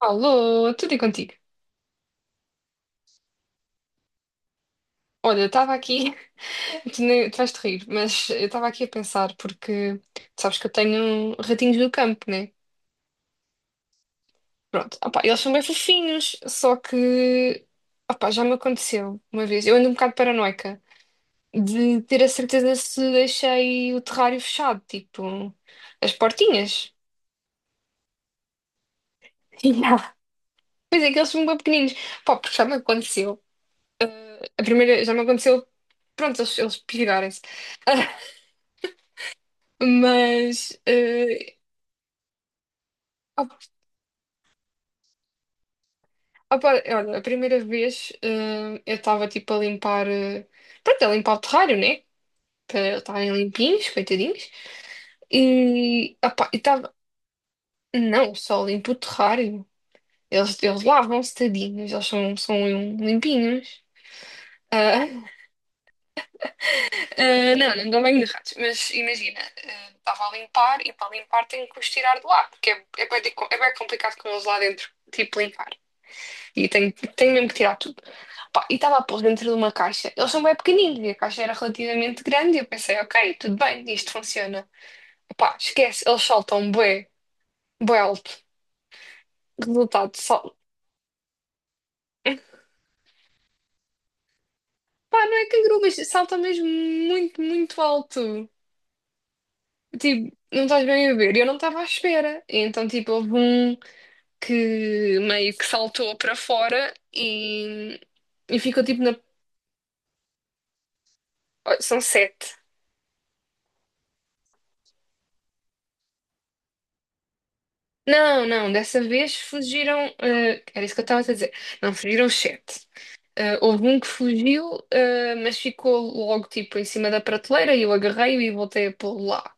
Alô, tudo e contigo? Olha, eu estava aqui, tu, nem- tu vais-te rir, mas eu estava aqui a pensar, porque tu sabes que eu tenho ratinhos do campo, né? Pronto, opá, eles são bem fofinhos, só que opá, já me aconteceu uma vez, eu ando um bocado paranoica, de ter a certeza se deixei o terrário fechado, tipo, as portinhas. Yeah. Pois é que eles são bem pequeninos, pá, porque já me aconteceu, já me aconteceu, pronto, eles pirarem-se. Mas. Ah, ah, pá, olha, a primeira vez eu estava tipo a limpar, pronto, a limpar o terrário, né? Para eles estarem limpinhos, coitadinhos. E pá, e estava, não, só limpo o terrário. Eles lavam-se tadinhos, eles são limpinhos. Ah, não, não dão banho de ratos, mas imagina, estava a limpar e para limpar tenho que os tirar de lá, porque é bem complicado com eles lá dentro, tipo limpar. E tenho mesmo que tirar tudo. Pá, e estava a pôr dentro de uma caixa. Eles são bem pequeninos e a caixa era relativamente grande. E eu pensei, ok, tudo bem, isto funciona. Pá, esquece, eles saltam bué, bué alto. Resultado, sal... Pá, não é canguru, mas salta mesmo muito, muito alto. Tipo, não estás bem a ver. E eu não estava à espera. E então, tipo, houve um que meio que saltou para fora e ficou tipo na. São sete. Não, não, dessa vez fugiram. Era isso que eu estava a dizer. Não, fugiram sete. Houve um que fugiu, mas ficou logo tipo em cima da prateleira e eu agarrei-o e voltei a pô-lo lá.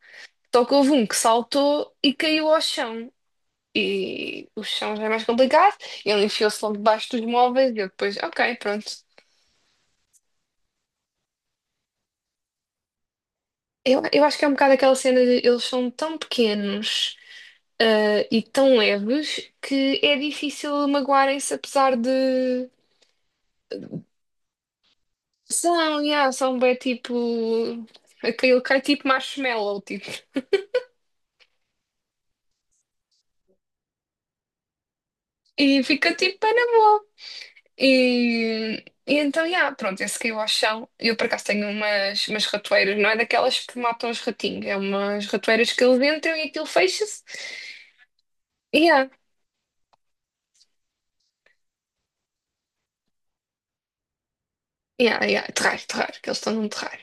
Só que houve um que saltou e caiu ao chão. E o chão já é mais complicado. Ele enfiou-se logo debaixo dos móveis e eu depois, ok, pronto. Eu acho que é um bocado aquela cena de eles são tão pequenos. E tão leves que é difícil magoarem-se, apesar de. São, yeah, são bem tipo. Aquele cai tipo marshmallow, tipo. E fica tipo bem na boa. E então, yeah, pronto, esse caiu ao chão. Eu por acaso tenho umas ratoeiras, não é daquelas que matam os ratinhos, é umas ratoeiras que eles entram e aquilo fecha-se. E yeah, yeah, yeah, que eles estão num terrar.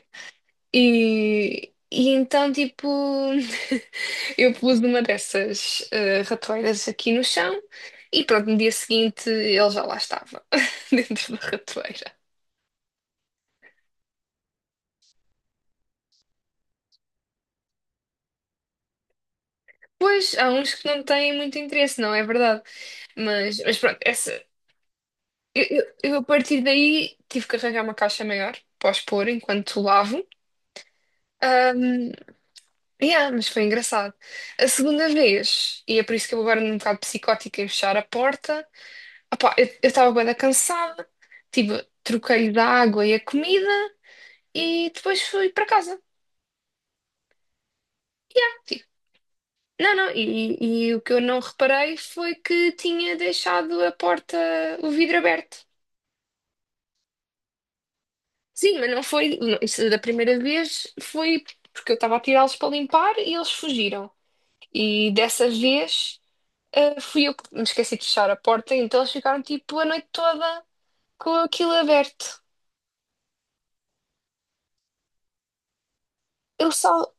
E então, tipo, eu pus uma dessas ratoeiras aqui no chão e pronto, no dia seguinte ele já lá estava, dentro da ratoeira. Pois, há uns que não têm muito interesse, não é verdade? Mas, pronto, essa, eu a partir daí tive que arranjar uma caixa maior para os pôr enquanto lavo. Ahm, yeah, mas foi engraçado. A segunda vez, e é por isso que eu agora ando um bocado psicótica em fechar a porta. Opá, eu estava bem cansada, tipo, troquei da água e a comida e depois fui para casa. Tipo, não, não, e o que eu não reparei foi que tinha deixado a porta, o vidro aberto. Sim, mas não foi, não, isso da primeira vez foi porque eu estava a tirá-los para limpar e eles fugiram. E dessa vez, fui eu que me esqueci de fechar a porta, então eles ficaram tipo a noite toda com aquilo aberto. Eu só.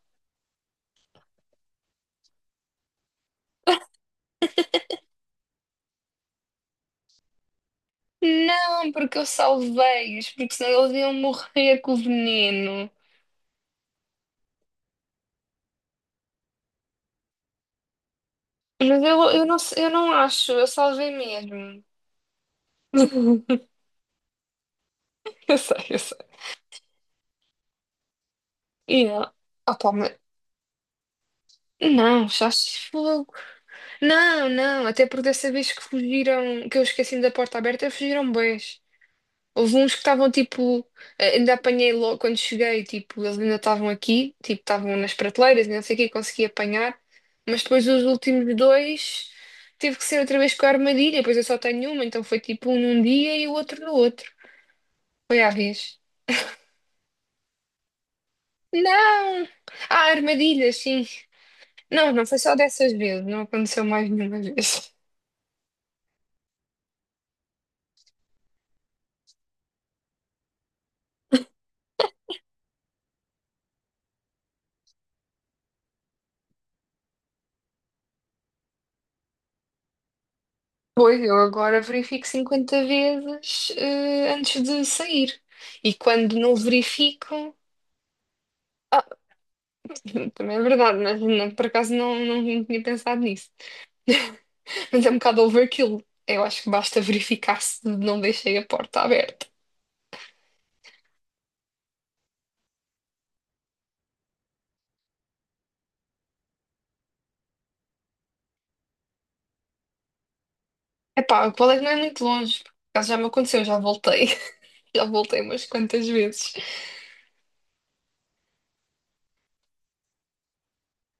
Não, porque eu salvei-os, porque senão eles iam morrer com o veneno. Mas eu não, sei- eu não acho, eu salvei mesmo. Eu sei, eu sei. E ela, opa, mas, não, achaste fogo. Não, não, até porque dessa vez que fugiram, que eu esqueci da porta aberta, fugiram bem. Houve uns que estavam tipo, ainda apanhei logo quando cheguei, tipo, eles ainda estavam aqui, tipo, estavam nas prateleiras, e não sei o que, consegui apanhar, mas depois os últimos dois tive que ser outra vez com a armadilha, pois eu só tenho uma, então foi tipo um num dia e o outro no outro. Foi à vez. Não! Ah, armadilhas, sim. Não, não foi só dessas vezes, não aconteceu mais nenhuma vez. Pois, eu agora verifico 50 vezes, antes de sair. E quando não verifico. Também é verdade, mas não, por acaso não tinha pensado nisso. Mas é um bocado overkill. Eu acho que basta verificar se não deixei a porta aberta. Epá, o colégio não é muito longe. Por acaso já me aconteceu, já voltei. Já voltei umas quantas vezes.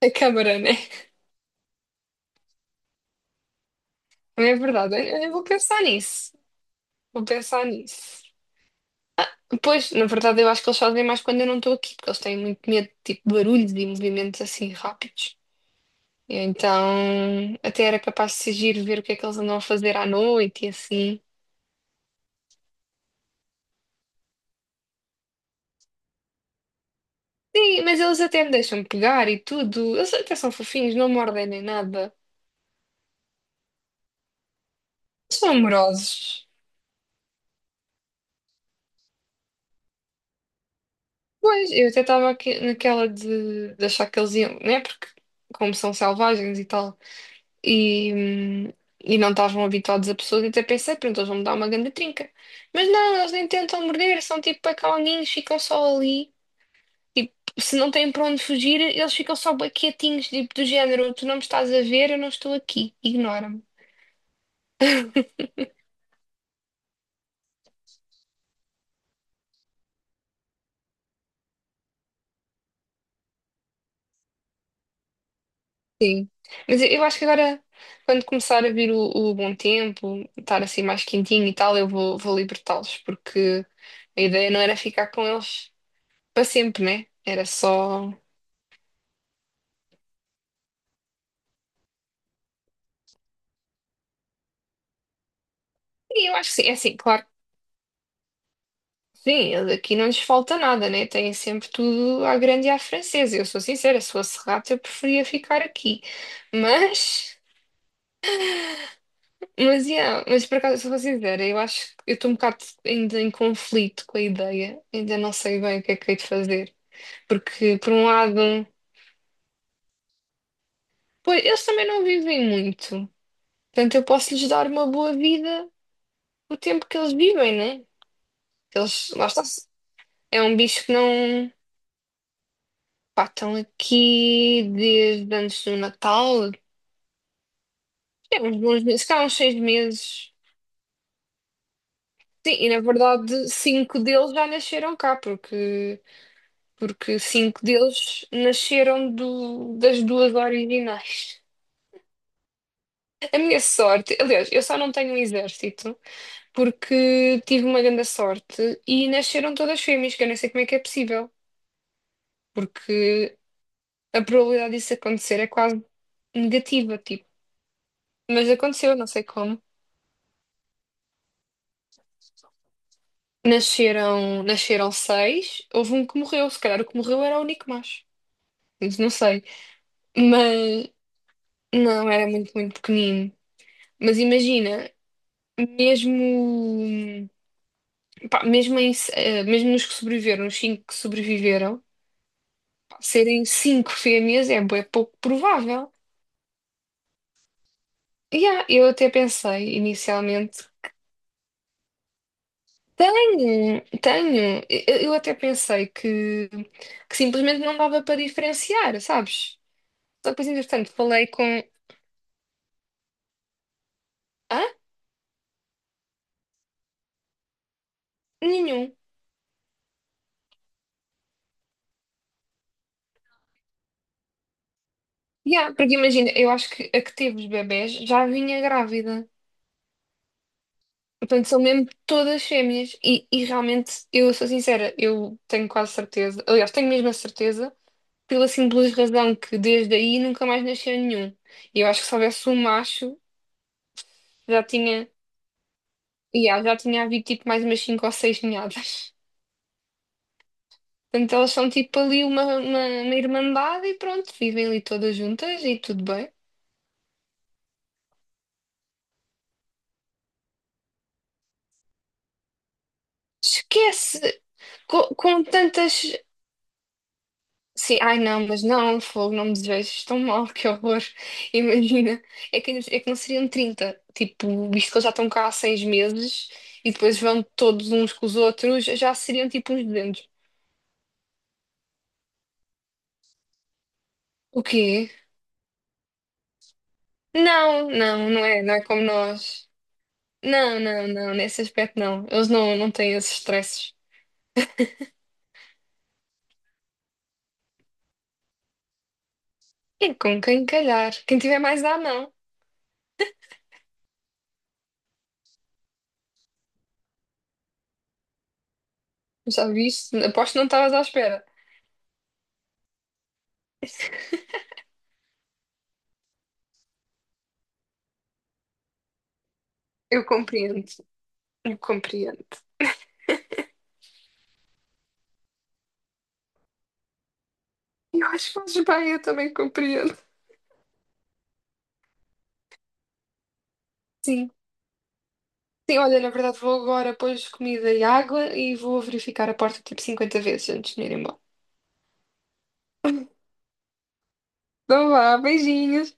A câmara, né? Também é verdade. Eu vou pensar nisso. Vou pensar nisso. Pois, na verdade, eu acho que eles fazem mais quando eu não estou aqui, porque eles têm muito medo de tipo, barulhos e movimentos assim rápidos. E então, até era capaz de se ir ver o que é que eles andam a fazer à noite e assim. Sim, mas eles até me deixam pegar e tudo. Eles até são fofinhos, não mordem nem nada. São amorosos. Pois, eu até estava aqui naquela de achar que eles iam, né? Porque, como são selvagens e tal, e, hum, e não estavam habituados a pessoas, até pensei, pronto, eles vão me dar uma grande trinca. Mas não, eles nem tentam morder, são tipo pecalinhos, ficam só ali. Tipo, se não têm para onde fugir, eles ficam só bué quietinhos, tipo, do género: tu não me estás a ver, eu não estou aqui, ignora-me. Sim. Mas eu acho que agora, quando começar a vir o bom tempo, estar assim mais quentinho e tal, eu vou libertá-los, porque a ideia não era ficar com eles para sempre, né? Era só. E eu acho que sim, é assim, claro que sim, aqui não lhes falta nada, né? Têm sempre tudo à grande e à francesa. Eu sou sincera, se fosse rato, eu preferia ficar aqui. Mas. Mas, yeah, mas por acaso, se eu vou sincera, eu acho que eu estou um bocado ainda em conflito com a ideia, ainda não sei bem o que é que hei de fazer. Porque, por um lado, pois, eles também não vivem muito. Portanto, eu posso lhes dar uma boa vida o tempo que eles vivem, né? Eles, lá está. É um bicho que não. Pá, estão aqui desde antes do Natal. É, uns bons meses, se calhar uns 6 meses. Sim, e na verdade, cinco deles já nasceram cá, porque cinco deles nasceram das duas originais. A minha sorte, aliás, eu só não tenho um exército. Porque tive uma grande sorte e nasceram todas fêmeas, que eu nem sei como é que é possível, porque a probabilidade disso acontecer é quase negativa, tipo. Mas aconteceu, não sei como. Nasceram seis, houve um que morreu, se calhar o que morreu era o único macho. Isso não sei. Mas não, era muito, muito pequenino. Mas imagina, mesmo, pá, mesmo, mesmo nos que sobreviveram, os cinco que sobreviveram, pá, serem cinco fêmeas é bué pouco provável. Yeah, eu até pensei inicialmente. Tenho, tenho. Eu até pensei que simplesmente não dava para diferenciar, sabes? Só que depois, entretanto, falei com. Hã? Nenhum. Yeah, porque imagina, eu acho que a que teve os bebés já vinha grávida. Portanto, são mesmo todas fêmeas. E realmente, eu sou sincera, eu tenho quase certeza. Aliás, tenho mesmo a certeza, pela simples razão que desde aí nunca mais nasceu nenhum. E eu acho que se houvesse um macho, já tinha. E já tinha havido tipo mais umas cinco ou seis ninhadas. Portanto, elas são tipo ali uma irmandade e pronto, vivem ali todas juntas e tudo bem. Esquece com, tantas. Sim, ai não, mas não, fogo, não me desejo, tão mal, que horror. Imagina, é que não seriam 30 tipo, visto que eles já estão cá há 6 meses e depois vão todos uns com os outros, já seriam tipo uns 200. O quê? Não, não, não é como nós. Não, não, não, nesse aspecto não. Eles não, não têm esses estresses. É com quem calhar. Quem tiver mais dá, não. Já viste? Aposto que não estavas à espera. Eu compreendo, eu compreendo. Eu acho que fazes bem, eu também compreendo. Sim. Sim, olha, na verdade vou agora pôr comida e água e vou verificar a porta tipo 50 vezes antes de me ir embora. Então vá, beijinhos.